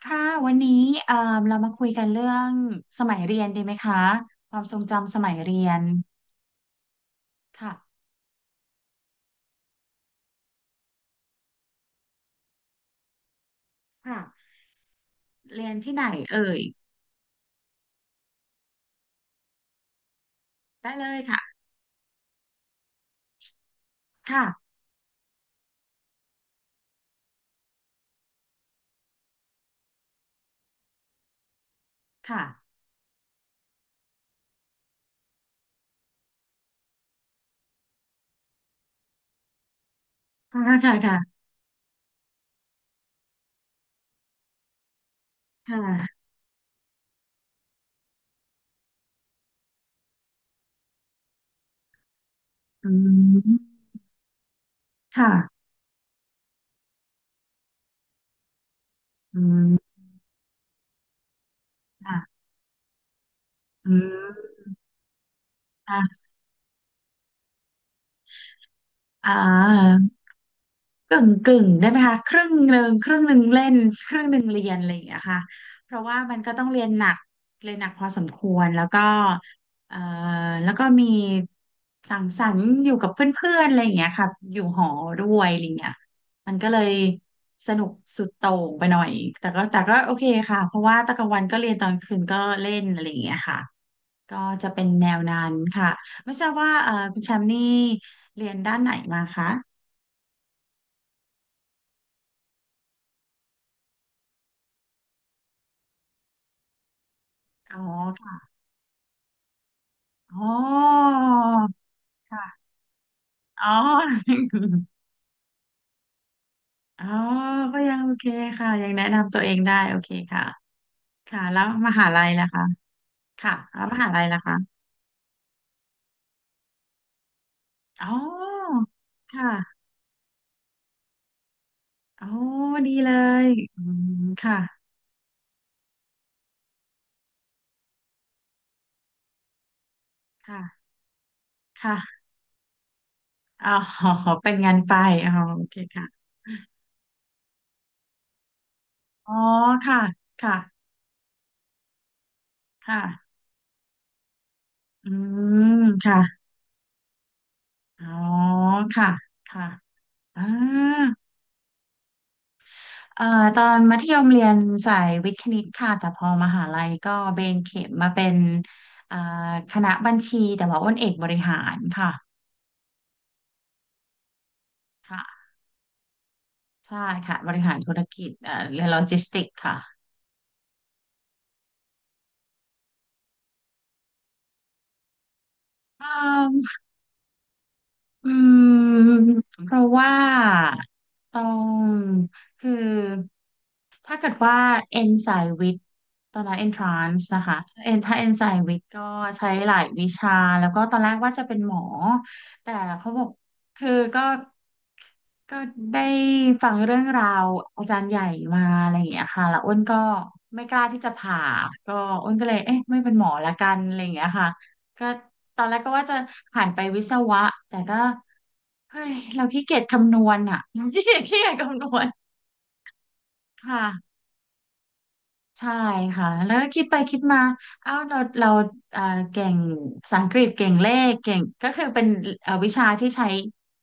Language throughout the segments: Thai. ค่ะวันนี้เอ่อเรามาคุยกันเรื่องสมัยเรียนดีไหมคะความทรงจำสมัยเรียนค่ะค่ะเรียนที่ไหนเอ่ยได้เลยค่ะค่ะค่ะค่ะค่ะค่ะค่ะอืมค่ะอืมค่ะอืมค่ะอ่า กึ่งกึ่งได้ไหมคะครึ่งหนึ่งครึ่งหนึ่งเล่นครึ่งหนึ่งเรียนอะไรอย่างเงี้ยค่ะเพราะว่ามันก็ต้องเรียนหนักเรียนหนักพอสมควรแล้วก็เอ่อแล้วก็มีสังสรรค์อยู่กับเพื่อนๆอะไรอย่างเงี้ยค่ะอยู่หอด้วยอะไรอย่างเงี้ยมันก็เลยสนุกสุดโต่งไปหน่อยแต่ก็โอเคค่ะเพราะว่าตอนกลางวันก็เรียนตอนคืนก็เล่นอะไรอย่างเงี้ยค่ะก็จะเป็นแนวนั้นค่ะไม่ทราบว่าคุณแชมป์นี่เรียนด้านไหนมาคะอ๋อ อ๋อค่ะอ๋ออ๋อก็ยังโอเคค่ะยังแนะนำตัวเองได้โอเคค่ะค่ะแล้วมหาลัยล่ะคะค่ะแล้วมหาลัยล่ะคะอ๋อค่ะอ๋อดีเลยอืมค่ะค่ะค่ะอ๋อเป็นงานไปอ๋อโอเคค่ะอ๋อค่ะค่ะค่ะอืมค่ะอ๋อค่ะค่ะอ่า เอ่อตอนมัธยมเรียนสายวิทย์คณิตค่ะแต่พอมหาลัยก็เบนเข็มมาเป็นเอ่อคณะบัญชีแต่ว่าอ้นเอกบริหารค่ะค่ะใช่ค่ะบริหารธุรกิจเรียนโลจิสติกส์ค่ะเอ่อ อืมเพราะว่าต้องคือถ้าเกิดว่าเอนสายวิทย์ตอนนั้น entrance นะคะเอนถ้าเอนสายวิทย์ก็ใช้หลายวิชาแล้วก็ตอนแรกว่าจะเป็นหมอแต่เขาบอกคือก็ได้ฟังเรื่องราวอาจารย์ใหญ่มาอะไรอย่างเงี้ยค่ะแล้วอ้นก็ไม่กล้าที่จะผ่าก็อ้นก็เลยเอ๊ะไม่เป็นหมอละกันอะไรอย่างเงี้ยค่ะ ก็ตอนแรกก็ว่าจะหันไปวิศวะแต่ก็เฮ้ยเราขี้เกียจคำนวณอ่ะ ขี้เกียจขี้เกียจคำนวณค่ะใช่ค่ะแล้วก็คิดไปคิดมาเอ้าเราเอ่อเก่งภาษาอังกฤษเก่งเลขเก่งก็คือเป็นวิชาที่ใช้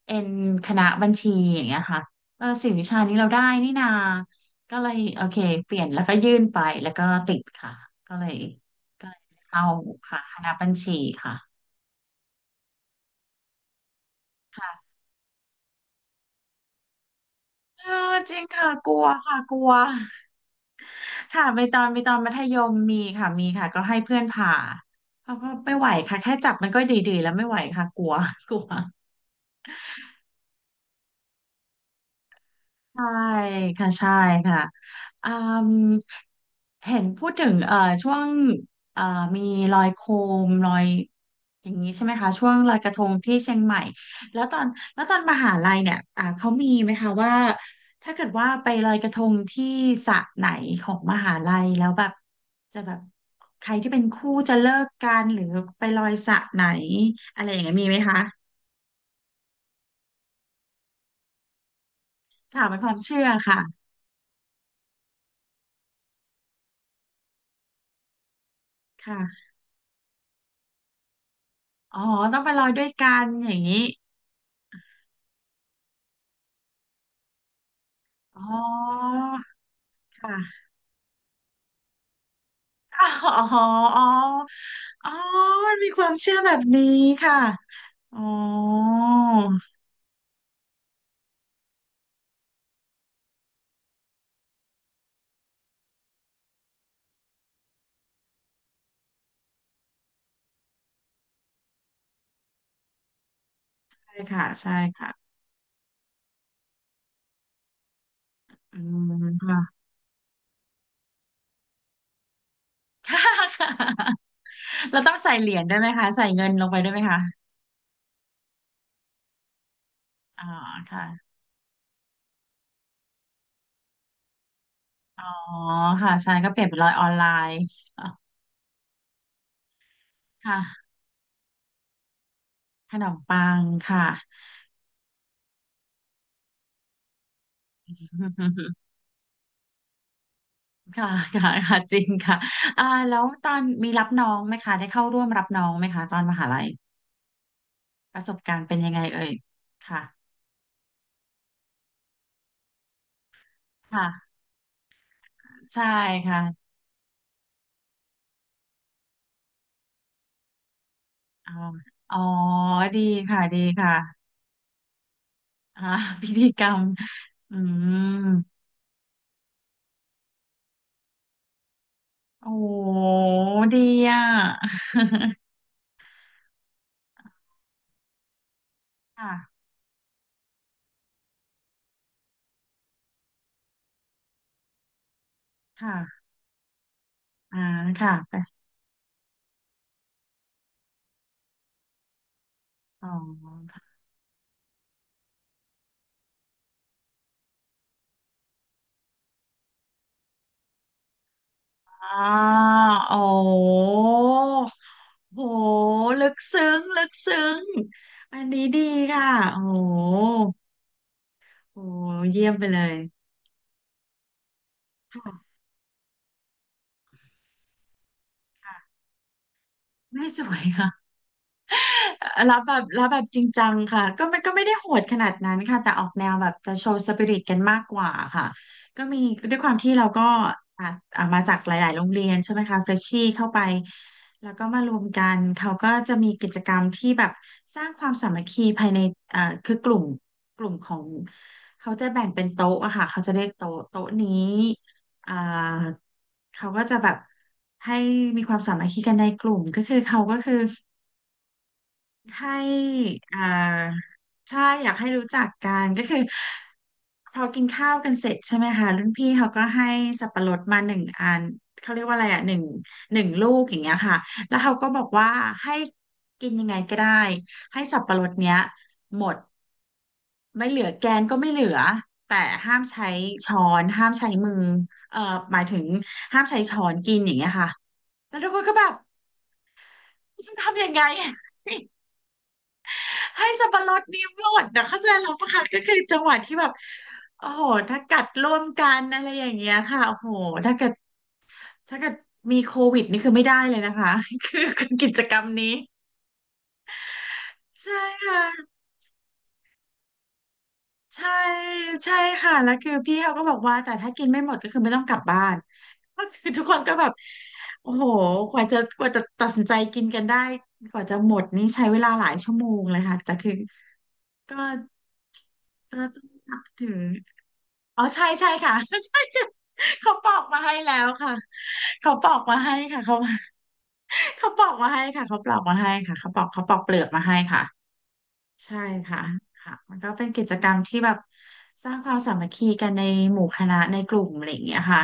เอ็นคณะบัญชีอย่างเงี้ยค่ะเออสี่วิชานี้เราได้นี่นาก็เลยโอเคเปลี่ยนแล้วก็ยื่นไปแล้วก็ติดค่ะก็เลยก็เลยเข้าค่ะคณะบัญชีค่ะ เออจริงค่ะกลัวค่ะกลัวค่ะไปตอนมัธยมมีค่ะมีค่ะก็ให้เพื่อนผ่าเขาก็ไม่ไหวค่ะแค่จับมันก็ดีๆแล้วไม่ไหวค่ะกลัว กลัว ใช่ค่ะใช่ค่ะอืมเห็นพูดถึงช่วงเอ่อมีลอยโคมลอยอย่างนี้ใช่ไหมคะช่วงลอยกระทงที่เชียงใหม่แล้วตอนแล้วตอนมหาลัยเนี่ยเขามีไหมคะว่าถ้าเกิดว่าไปลอยกระทงที่สระไหนของมหาลัยแล้วแบบจะแบบใครที่เป็นคู่จะเลิกกันหรือไปลอยสระไหนอะไรอย่างเงี้ยมีไหมคะค่ะเป็นความเชื่อค่ะค่ะอ๋อต้องไปลอยด้วยกันอย่างนี้ อ๋อค่ะอ๋ออ๋ออ๋ออ๋อมันมีความเชื่อแบบนี้ค่ะอ๋อใช่ค่ะใช่ค่ะอืมค่ะ ค่ะค่ะเราต้องใส่เหรียญได้วยไหมคะใส่เงินลงไปได้วยไหมคะอ๋อค่ะอ๋อค่ะใช่ก็เปลี่ยนเป็นร้อยออนไลน์ค่ะขนมปังค่ะ ค่ะค่ะค่ะจริงค่ะแล้วตอนมีรับน้องไหมคะได้เข้าร่วมรับน้องไหมคะตอนมหาลัย ประสบการณ์เป็นยังไงเอ่ย ค่ะค่ะใช่ค่ะอ๋ออ๋อดีค่ะ ดีค่ะอ่า พิธีกรรมอืมโอ้ดีอ่ะค่ะค่ะอ่าค่ะไปสองค่ะอ๋อโอ้โหลึกซึ้ง ลึกซึ้งอันนี้ดีค่ะโอ้โหโอ้โหเยี่ยมไปเลยค่ะค่ะไม่สวยค่ะ รับแบบจริงจังค่ะก็มันก็ไม่ได้โหดขนาดนั้นค่ะแต่ออกแนวแบบจะโชว์สปิริตกันมากกว่าค่ะก็มีด้วยความที่เราก็อ่ะอ่ะมาจากหลายๆโรงเรียนใช่ไหมคะเฟรชชี่เข้าไปแล้วก็มารวมกันเขาก็จะมีกิจกรรมที่แบบสร้างความสามัคคีภายในคือกลุ่มของเขาจะแบ่งเป็นโต๊ะอะค่ะเขาจะเรียกโต๊ะโต๊ะนี้อ่าเขาก็จะแบบให้มีความสามัคคีกันในกลุ่มก็คือเขาก็คือ ให้อ่าใช่อยากให้รู้จักกันก็คือพอกินข้าวกันเสร็จใช่ไหมคะรุ่นพี่เขาก็ให้สับปะรดมาหนึ่งอันเขาเรียกว่าอะไรอ่ะหนึ่งลูกอย่างเงี้ยค่ะแล้วเขาก็บอกว่าให้กินยังไงก็ได้ให้สับปะรดเนี้ยหมดไม่เหลือแกนก็ไม่เหลือแต่ห้ามใช้ช้อนห้ามใช้มือเอ่อหมายถึงห้ามใช้ช้อนกินอย่างเงี้ยค่ะแล้วทุกคนก็แบบฉันทำยังไง ให้สับปะรดนี้หมดนะเข้าใจเราปะคะก็คือจังหวะที่แบบโอ้โหถ้ากัดร่วมกันอะไรอย่างเงี้ยค่ะโอ้โหถ้าเกิดถ้าเกิดมีโควิดนี่คือไม่ได้เลยนะคะคือกิจกรรมนี้ใช่ค่ะใช่ใช่ค่ะแล้วคือพี่เขาก็บอกว่าแต่ถ้ากินไม่หมดก็คือไม่ต้องกลับบ้านก็คือทุกคนก็แบบโอ้โหกว่าจะตัดสินใจกินกันได้กว่าจะหมดนี่ใช้เวลาหลายชั่วโมงเลยค่ะแต่คือ ก็ก็ต้องนับถืออ๋อใช่ใช่ค่ะ ใช่ค่ะเขาปอกมาให้แล้วค่ะเขาปอกมาให้ค่ะเขาปอกมาให้ค่ะเขาปลอกมาให้ค่ะเขาปอกเปลือกมาให้ค่ะใช่ค่ะค่ะมันก็เป็นกิจกรรมที่แบบสร้างความสามัคคีกันในหมู่คณะในกลุ่มอะไรอย่างเงี้ยค่ะ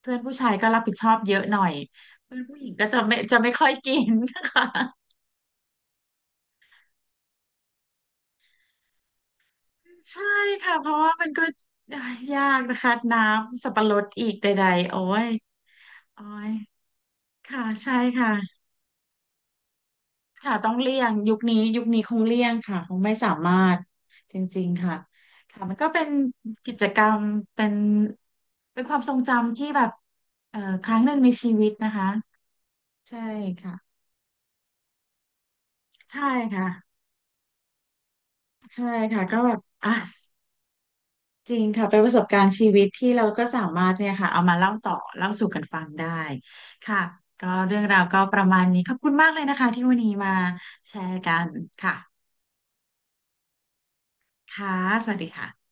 เพื่อนผู้ชายก็รับผิดชอบเยอะหน่อยเพื่อนผู้หญิงก็จะไม่ค่อยกิน ค่ะ ใช่ค่ะเพราะว่ามันก็ยากนะคะน้ำสับปะรดอีกใดๆโอ้ยโอ้ยค่ะใช่ค่ะค่ะต้องเลี่ยงยุคนี้ยุคนี้คงเลี่ยงค่ะคงไม่สามารถจริงๆค่ะค่ะมันก็เป็นกิจกรรมเป็นเป็นความทรงจำที่แบบครั้งหนึ่งในชีวิตนะคะใช่ค่ะใช่ค่ะใช่ค่ะก็แบบอ่ะ จริงค่ะเป็นประสบการณ์ชีวิตที่เราก็สามารถเนี่ยค่ะเอามาเล่าต่อเล่าสู่กันฟังได้ค่ะก็เรื่องราวก็ประมาณนี้ขอบคุณมากเลยนะคะที่วันนี้มาแชร์กันค่ะค่ะสวัสดีค่ะ